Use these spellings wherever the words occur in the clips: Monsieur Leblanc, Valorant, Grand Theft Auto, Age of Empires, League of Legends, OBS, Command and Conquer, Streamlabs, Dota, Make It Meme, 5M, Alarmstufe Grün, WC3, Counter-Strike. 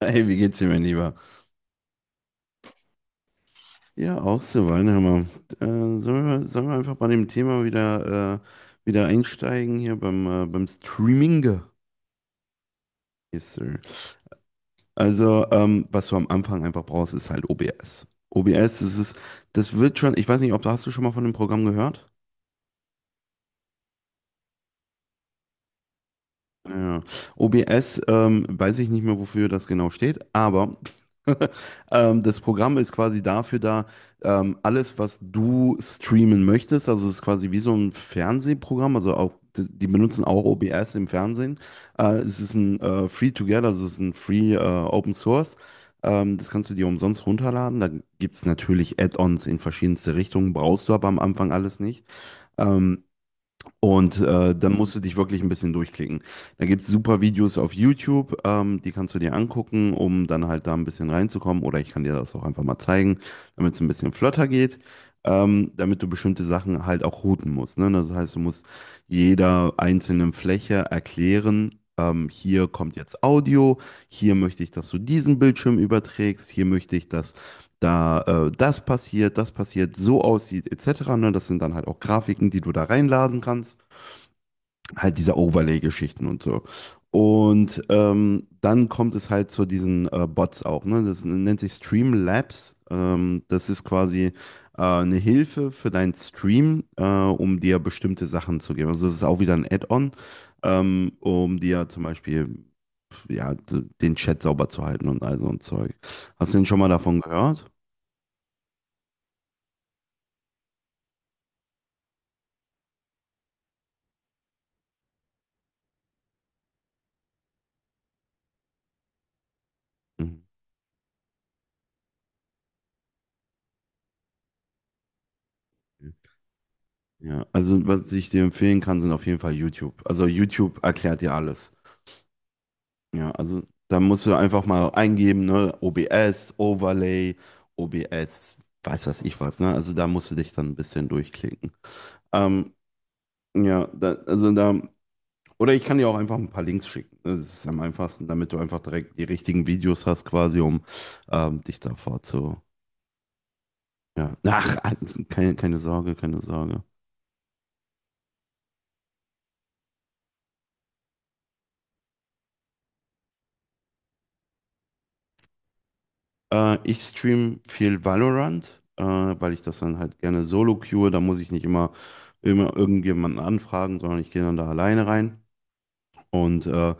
Hey, wie geht's dir, mein Lieber? Ja, auch so, Weinheimer. Sollen wir einfach bei dem Thema wieder, wieder einsteigen hier beim, beim Streaming? Yes, sir. Also, was du am Anfang einfach brauchst, ist halt OBS. Das wird schon, ich weiß nicht, ob hast du schon mal von dem Programm gehört? Ja. OBS, weiß ich nicht mehr, wofür das genau steht, aber das Programm ist quasi dafür da, alles, was du streamen möchtest, also es ist quasi wie so ein Fernsehprogramm, also auch, die die benutzen auch OBS im Fernsehen. Es ist ein Free-to-Get, also es ist ein Free Open Source. Das kannst du dir umsonst runterladen. Da gibt es natürlich Add-ons in verschiedenste Richtungen, brauchst du aber am Anfang alles nicht. Ähm, Dann musst du dich wirklich ein bisschen durchklicken. Da gibt es super Videos auf YouTube, die kannst du dir angucken, um dann halt da ein bisschen reinzukommen. Oder ich kann dir das auch einfach mal zeigen, damit es ein bisschen flotter geht, damit du bestimmte Sachen halt auch routen musst. Ne? Das heißt, du musst jeder einzelnen Fläche erklären, hier kommt jetzt Audio, hier möchte ich, dass du diesen Bildschirm überträgst, hier möchte ich, dass da das passiert, so aussieht, etc. Ne? Das sind dann halt auch Grafiken, die du da reinladen kannst, halt diese Overlay-Geschichten und so. Und dann kommt es halt zu diesen Bots auch, ne? Das nennt sich Streamlabs. Das ist quasi eine Hilfe für deinen Stream, um dir bestimmte Sachen zu geben. Also es ist auch wieder ein Add-on, um dir zum Beispiel ja, den Chat sauber zu halten und all so ein Zeug. Hast du denn schon mal davon gehört? Mhm. Ja, also was ich dir empfehlen kann, sind auf jeden Fall YouTube. Also YouTube erklärt dir alles. Ja, also da musst du einfach mal eingeben, ne? OBS, Overlay, OBS, weiß was ich was, ne? Also da musst du dich dann ein bisschen durchklicken. Ähm, ja, da, also da, oder ich kann dir auch einfach ein paar Links schicken, ne? Das ist am einfachsten, damit du einfach direkt die richtigen Videos hast, quasi, um dich davor zu. Ja. Ach, also keine Sorge, keine Sorge. Ich stream viel Valorant, weil ich das dann halt gerne solo queue. Da muss ich nicht immer irgendjemanden anfragen, sondern ich gehe dann da alleine rein. Und äh,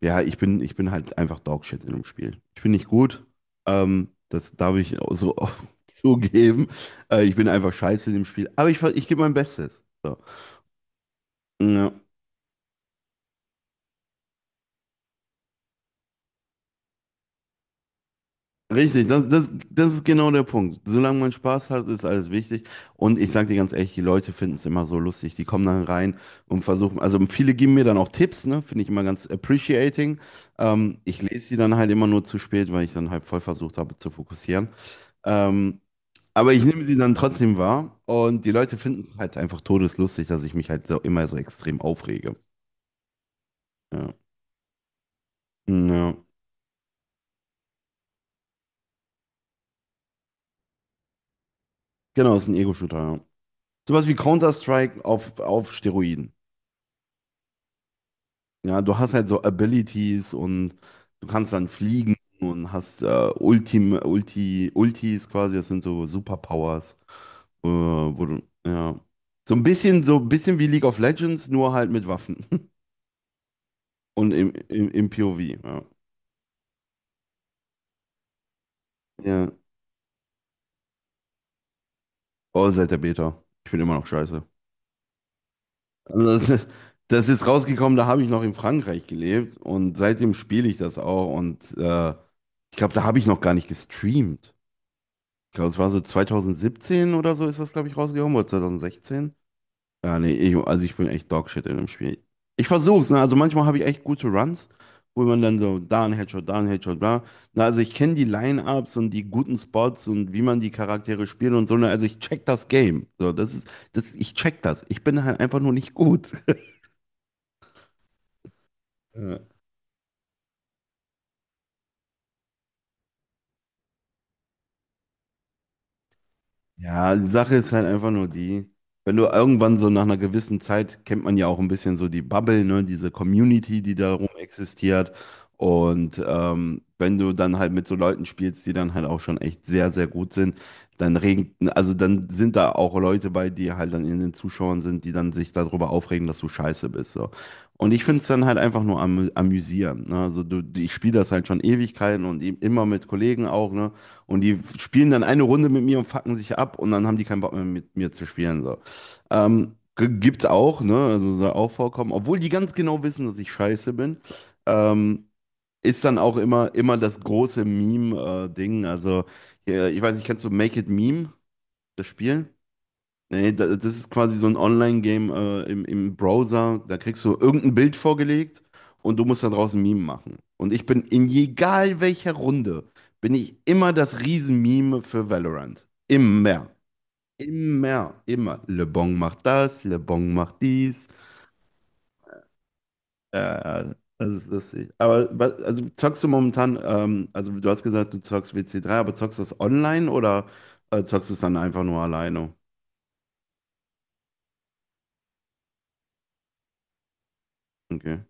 ja, ich bin halt einfach Dogshit in dem Spiel. Ich bin nicht gut. Das darf ich auch so offen zugeben. Ich bin einfach scheiße in dem Spiel. Aber ich, ich gebe mein Bestes. So. Ja. Richtig, das ist genau der Punkt. Solange man Spaß hat, ist alles wichtig. Und ich sag dir ganz ehrlich, die Leute finden es immer so lustig. Die kommen dann rein und versuchen, also viele geben mir dann auch Tipps, ne? Finde ich immer ganz appreciating. Ich lese die dann halt immer nur zu spät, weil ich dann halt voll versucht habe zu fokussieren. Ähm, aber ich nehme sie dann trotzdem wahr und die Leute finden es halt einfach todeslustig, dass ich mich halt so immer so extrem aufrege. Ja, ja. Genau, ist ein Ego-Shooter, ja. Sowas wie Counter-Strike auf Steroiden. Ja, du hast halt so Abilities und du kannst dann fliegen und hast Ultis quasi, das sind so Superpowers. Ja. So ein bisschen wie League of Legends, nur halt mit Waffen. Und im POV, ja. Ja. Oh, seit der Beta. Ich bin immer noch scheiße. Also das, Das ist rausgekommen, da habe ich noch in Frankreich gelebt und seitdem spiele ich das auch und ich glaube, da habe ich noch gar nicht gestreamt. Ich glaube, es war so 2017 oder so ist das, glaube ich, rausgekommen, oder 2016. Also ich bin echt Dogshit in dem Spiel. Ich versuch's, ne? Also manchmal habe ich echt gute Runs, wo man dann so da ein Headshot, bla. Na, also ich kenne die Line-Ups und die guten Spots und wie man die Charaktere spielt und so. Ne? Also ich check das Game. Ich check das. Ich bin halt einfach nur nicht gut. Ja. Ja, die Sache ist halt einfach nur die, wenn du irgendwann so nach einer gewissen Zeit kennt man ja auch ein bisschen so die Bubble, ne, diese Community, die darum existiert. Und wenn du dann halt mit so Leuten spielst, die dann halt auch schon echt sehr gut sind, dann also dann sind da auch Leute bei, die halt dann in den Zuschauern sind, die dann sich darüber aufregen, dass du scheiße bist. So. Und ich finde es dann halt einfach nur amüsierend. Ne? Ich spiele das halt schon Ewigkeiten und immer mit Kollegen auch, ne? Und die spielen dann eine Runde mit mir und fucken sich ab und dann haben die keinen Bock mehr mit mir zu spielen. So. Gibt's auch, ne? Also soll auch vorkommen. Obwohl die ganz genau wissen, dass ich scheiße bin. Ähm, Ist dann auch immer das große Meme-Ding. Also, ich weiß nicht, kennst du Make It Meme, das Spiel? Nee, das ist quasi so ein Online-Game im Browser. Da kriegst du irgendein Bild vorgelegt und du musst da draußen Meme machen. Und ich bin in egal welcher Runde, bin ich immer das Riesen-Meme für Valorant. Immer. Immer. Immer. Le Bon macht das, Le Bon macht dies. Das ist lustig. Aber also zockst du momentan, also du hast gesagt, du zockst WC3, aber zockst du das online oder zockst du es dann einfach nur alleine? Okay.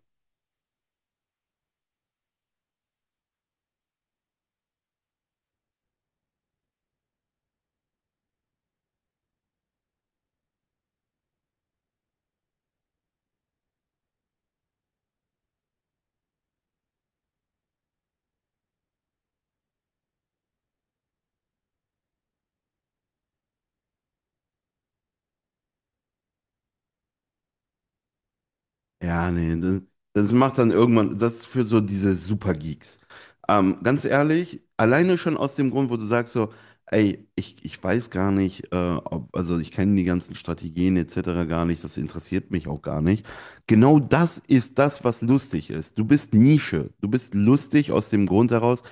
Ja, nee, das, Das macht dann irgendwann, das ist für so diese Supergeeks. Ganz ehrlich, alleine schon aus dem Grund, wo du sagst so, ey, ich weiß gar nicht, also ich kenne die ganzen Strategien etc. gar nicht, das interessiert mich auch gar nicht. Genau das ist das, was lustig ist. Du bist Nische, du bist lustig aus dem Grund heraus,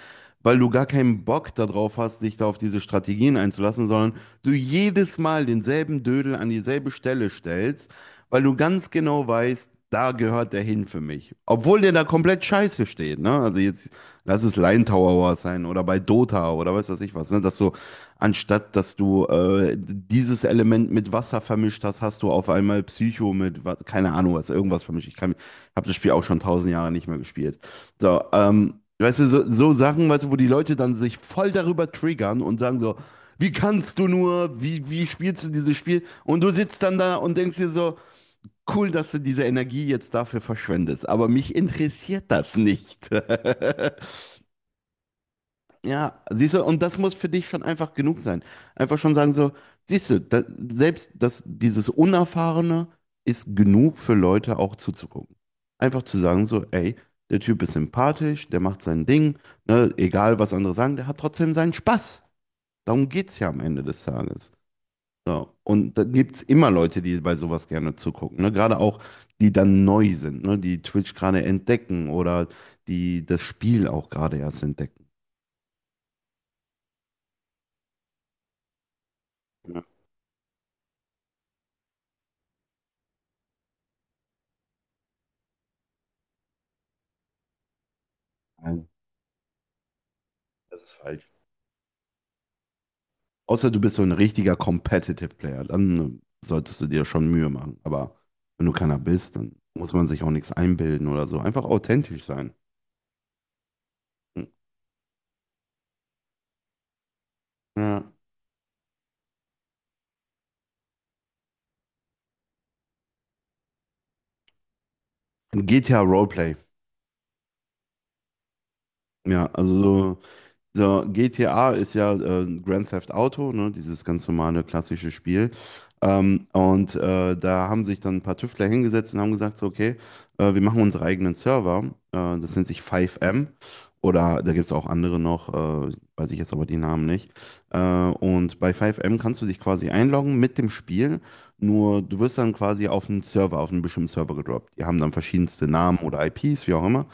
weil du gar keinen Bock darauf hast, dich da auf diese Strategien einzulassen, sondern du jedes Mal denselben Dödel an dieselbe Stelle stellst, weil du ganz genau weißt, da gehört der hin für mich. Obwohl der da komplett scheiße steht, ne? Also jetzt, lass es Line Tower sein oder bei Dota oder weiß was ich was, ne? Anstatt dass du dieses Element mit Wasser vermischt hast, hast du auf einmal Psycho mit, keine Ahnung, was, irgendwas vermischt. Habe das Spiel auch schon tausend Jahre nicht mehr gespielt. So, weißt du, so Sachen, weißt du, wo die Leute dann sich voll darüber triggern und sagen so, wie kannst du nur, wie spielst du dieses Spiel? Und du sitzt dann da und denkst dir so, cool, dass du diese Energie jetzt dafür verschwendest, aber mich interessiert das nicht. Ja, siehst du, und das muss für dich schon einfach genug sein. Einfach schon sagen so, siehst du, da, selbst das, dieses Unerfahrene ist genug für Leute auch zuzugucken. Einfach zu sagen so, ey, der Typ ist sympathisch, der macht sein Ding, ne, egal was andere sagen, der hat trotzdem seinen Spaß. Darum geht's ja am Ende des Tages. So. Und da gibt es immer Leute, die bei sowas gerne zugucken. Ne? Gerade auch, die dann neu sind, ne? Die Twitch gerade entdecken oder die das Spiel auch gerade erst entdecken. Ja. Nein, das ist falsch. Außer du bist so ein richtiger Competitive Player, dann solltest du dir schon Mühe machen. Aber wenn du keiner bist, dann muss man sich auch nichts einbilden oder so. Einfach authentisch sein. Ja. GTA Roleplay. Ja, also so So, GTA ist ja Grand Theft Auto, ne, dieses ganz normale klassische Spiel. Da haben sich dann ein paar Tüftler hingesetzt und haben gesagt, so, okay, wir machen unsere eigenen Server. Das nennt sich 5M. Oder da gibt es auch andere noch, weiß ich jetzt aber die Namen nicht. Äh, und bei 5M kannst du dich quasi einloggen mit dem Spiel. Nur du wirst dann quasi auf einen Server, auf einen bestimmten Server gedroppt. Die haben dann verschiedenste Namen oder IPs, wie auch immer.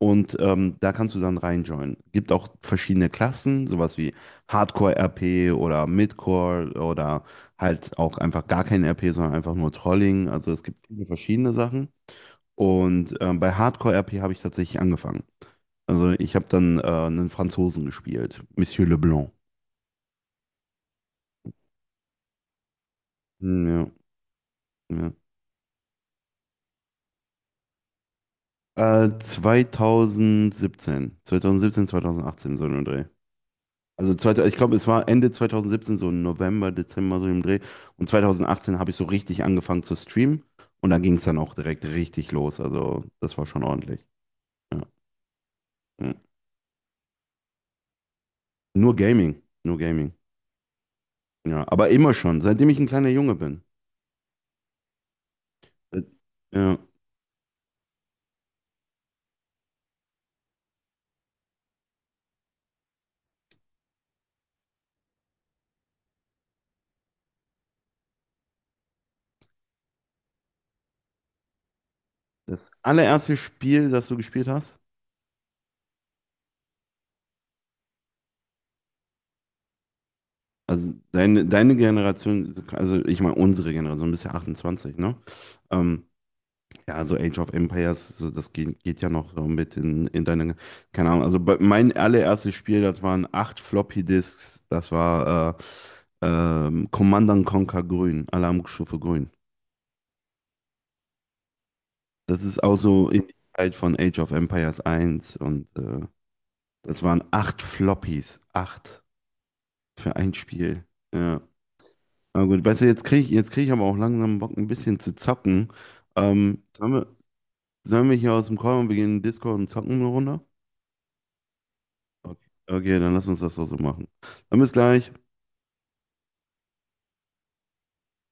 Und da kannst du dann reinjoinen. Gibt auch verschiedene Klassen, sowas wie Hardcore-RP oder Midcore oder halt auch einfach gar kein RP, sondern einfach nur Trolling. Also es gibt viele verschiedene Sachen. Und bei Hardcore-RP habe ich tatsächlich angefangen. Also ich habe dann einen Franzosen gespielt, Monsieur Leblanc. Hm, ja, ja. 2017, 2018 so ein Dreh. Ich glaube, es war Ende 2017, so November, Dezember, so im Dreh. Und 2018 habe ich so richtig angefangen zu streamen. Und da ging es dann auch direkt richtig los. Also das war schon ordentlich. Ja. Ja. Nur Gaming, nur Gaming. Ja, aber immer schon, seitdem ich ein kleiner Junge bin. Äh, Ja, Das allererste Spiel, das du gespielt hast, also deine Generation, also ich meine unsere Generation, du bist ja 28, ne? Ähm, Ja, so Age of Empires, so das geht ja noch so mit in deine, keine Ahnung, also mein allererstes Spiel, das waren 8 Floppy-Disks, das war Command and Conquer Grün, Alarmstufe Grün. Das ist auch so in die Zeit von Age of Empires eins und das waren 8 Floppies, 8 für ein Spiel. Ja, aber gut, weißt du, jetzt krieg ich aber auch langsam Bock, ein bisschen zu zocken. Ähm, sollen wir, Sollen wir hier aus dem Call und wir gehen in den Discord und zocken eine Runde? Okay, okay, dann lass uns das doch so machen. Dann bis gleich.